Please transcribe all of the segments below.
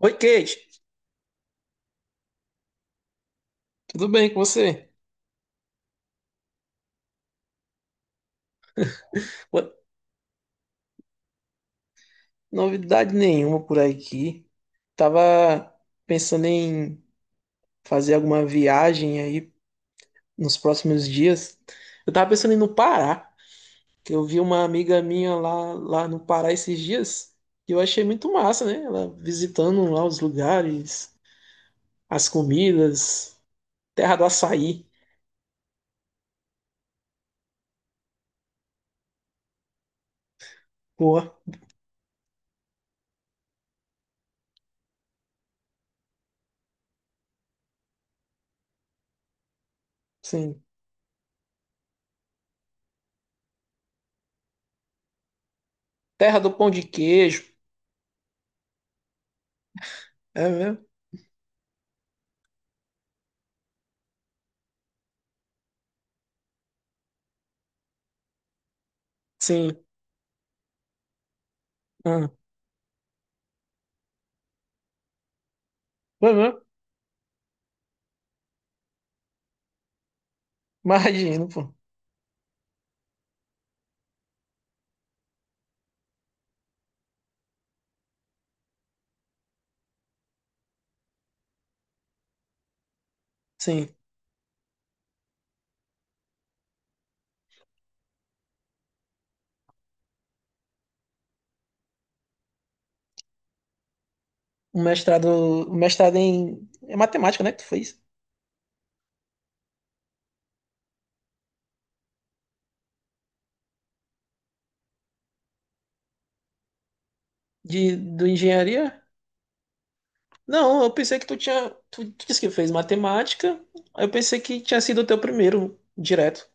Oi, Kate. Tudo bem com você? Ué. Novidade nenhuma por aqui. Tava pensando em fazer alguma viagem aí nos próximos dias. Eu tava pensando em ir no Pará, que eu vi uma amiga minha lá, lá no Pará esses dias. E eu achei muito massa, né? Ela visitando lá os lugares, as comidas, terra do açaí. Pô, sim. Terra do pão de queijo. É mesmo? Sim. Ah, foi mesmo? Imagino, pô. Sim. um mestrado, um mestrado em matemática, né, que tu fez? Do engenharia? Não, eu pensei que tu disse que fez matemática, aí eu pensei que tinha sido o teu primeiro direto.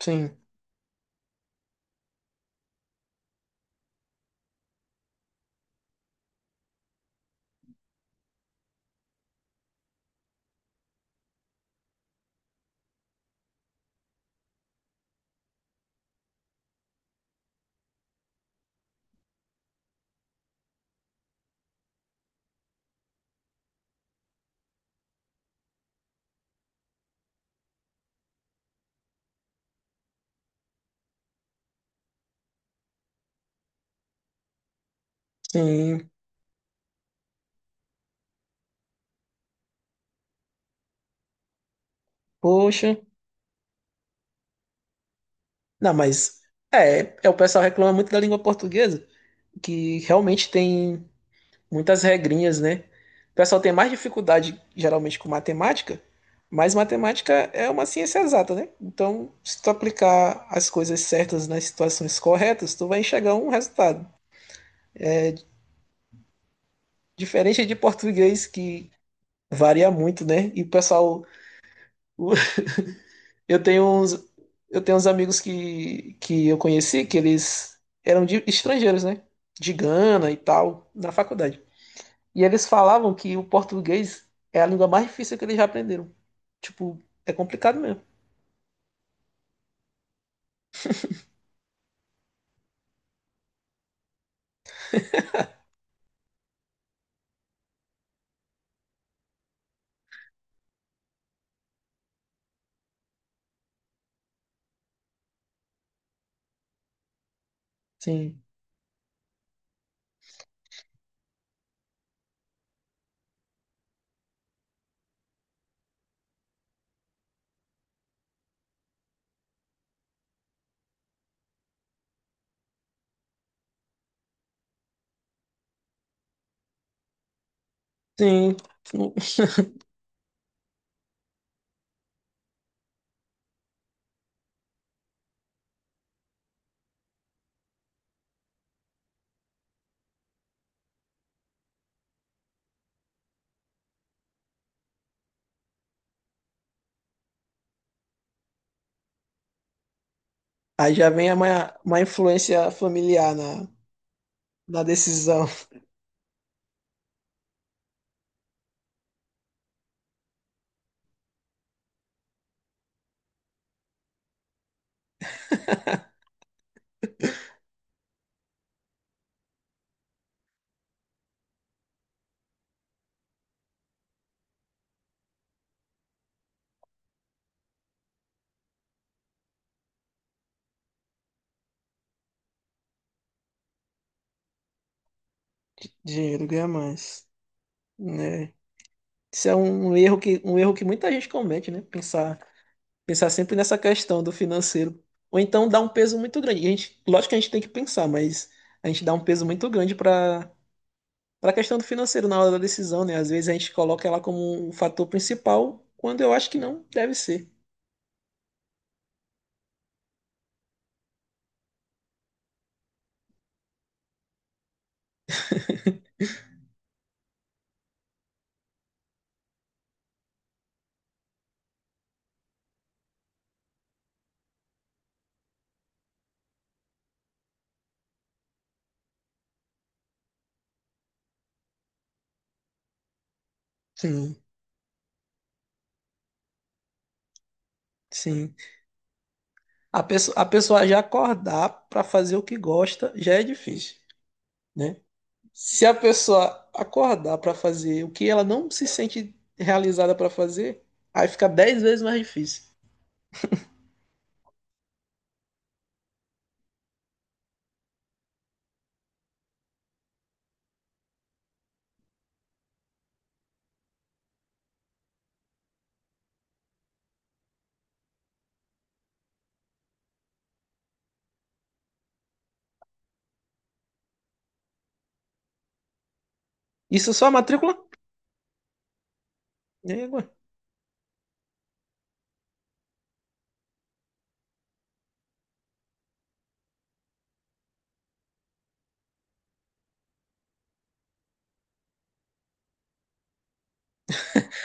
Sim, sim, poxa. Não, mas é o pessoal reclama muito da língua portuguesa, que realmente tem muitas regrinhas, né? O pessoal tem mais dificuldade geralmente com matemática, mas matemática é uma ciência exata, né? Então, se tu aplicar as coisas certas nas situações corretas, tu vai enxergar um resultado. Diferente de português que varia muito, né? E o pessoal, o- eu tenho uns, eu tenho uns amigos que eu conheci que eles eram de estrangeiros, né? De Gana e tal, na faculdade. E eles falavam que o português é a língua mais difícil que eles já aprenderam. Tipo, é complicado mesmo. Sim. Sim. Não- Aí já vem uma influência familiar na decisão. Dinheiro ganha mais, né? Isso é um erro que muita gente comete, né? Pensar sempre nessa questão do financeiro. Ou então dá um peso muito grande. A gente, lógico que a gente tem que pensar, mas a gente dá um peso muito grande para a questão do financeiro na hora da decisão, né? Às vezes a gente coloca ela como um fator principal, quando eu acho que não deve ser. Sim, sim. A pessoa já acordar para fazer o que gosta já é difícil, né? Se a pessoa acordar para fazer o que ela não se sente realizada para fazer, aí fica 10 vezes mais difícil. Isso é só a matrícula? Né?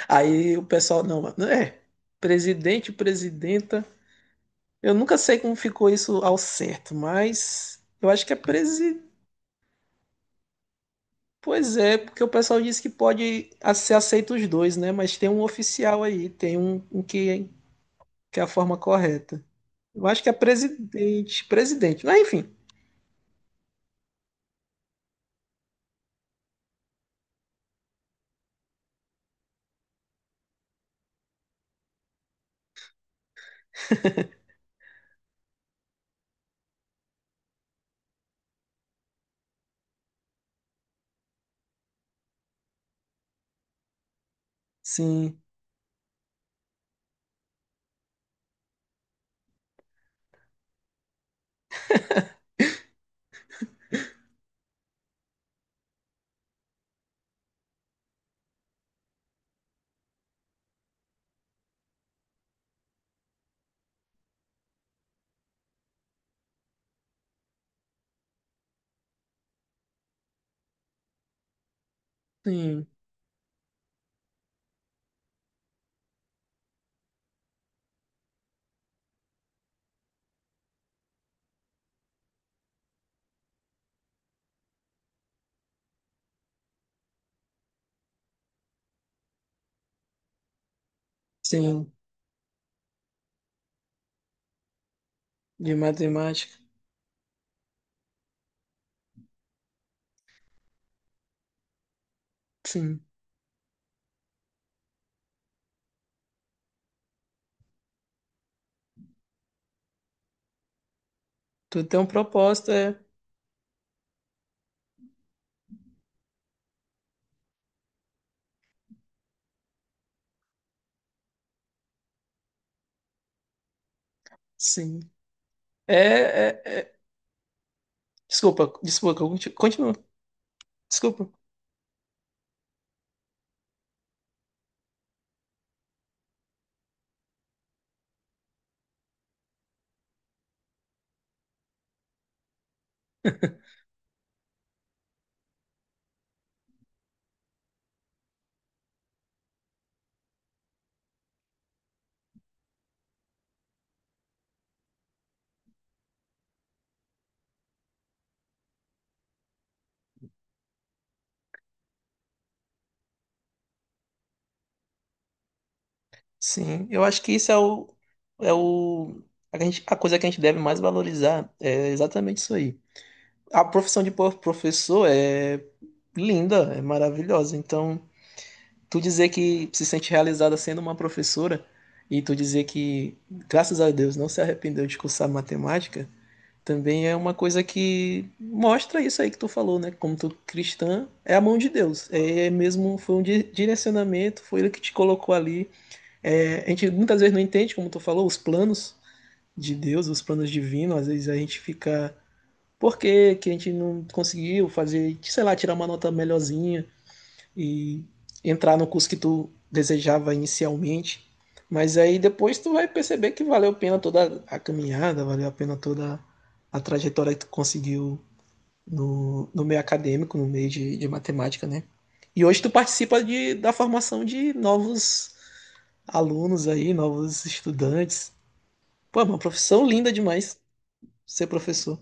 Aí o pessoal, não, mano, é presidente, presidenta. Eu nunca sei como ficou isso ao certo, mas eu acho que é presidente. Pois é, porque o pessoal disse que pode ser aceito os dois, né? Mas tem um oficial aí, tem um que é a forma correta. Eu acho que é presidente, presidente, mas enfim. Sim, sim, sim. De matemática, sim. Tu tem um propósito, é. Sim. É, é, é- Desculpa, desculpa, que eu conti- continua Desculpa. Sim, eu acho que isso é é o, a coisa que a gente deve mais valorizar é exatamente isso aí. A profissão de professor é linda, é maravilhosa. Então, tu dizer que se sente realizada sendo uma professora e tu dizer que, graças a Deus, não se arrependeu de cursar matemática, também é uma coisa que mostra isso aí que tu falou, né? Como tu cristã, é a mão de Deus. É mesmo, foi um direcionamento, foi ele que te colocou ali. É, a gente muitas vezes não entende, como tu falou, os planos de Deus, os planos divinos. Às vezes a gente fica: por que que a gente não conseguiu fazer, sei lá, tirar uma nota melhorzinha e entrar no curso que tu desejava inicialmente? Mas aí depois tu vai perceber que valeu a pena toda a caminhada, valeu a pena toda a trajetória que tu conseguiu no meio acadêmico, no meio de matemática, né? E hoje tu participa da formação de novos alunos aí, novos estudantes. Pô, é uma profissão linda demais ser professor.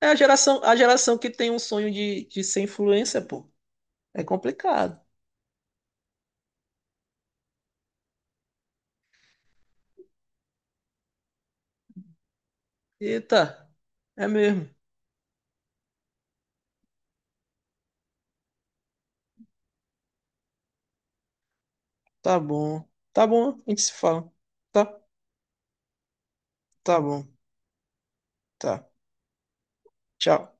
É a geração que tem um sonho de ser influencer, pô. É complicado. Eita, é mesmo. Tá bom. Tá bom, a gente se fala. Tá? Tá bom. Tá. Tchau.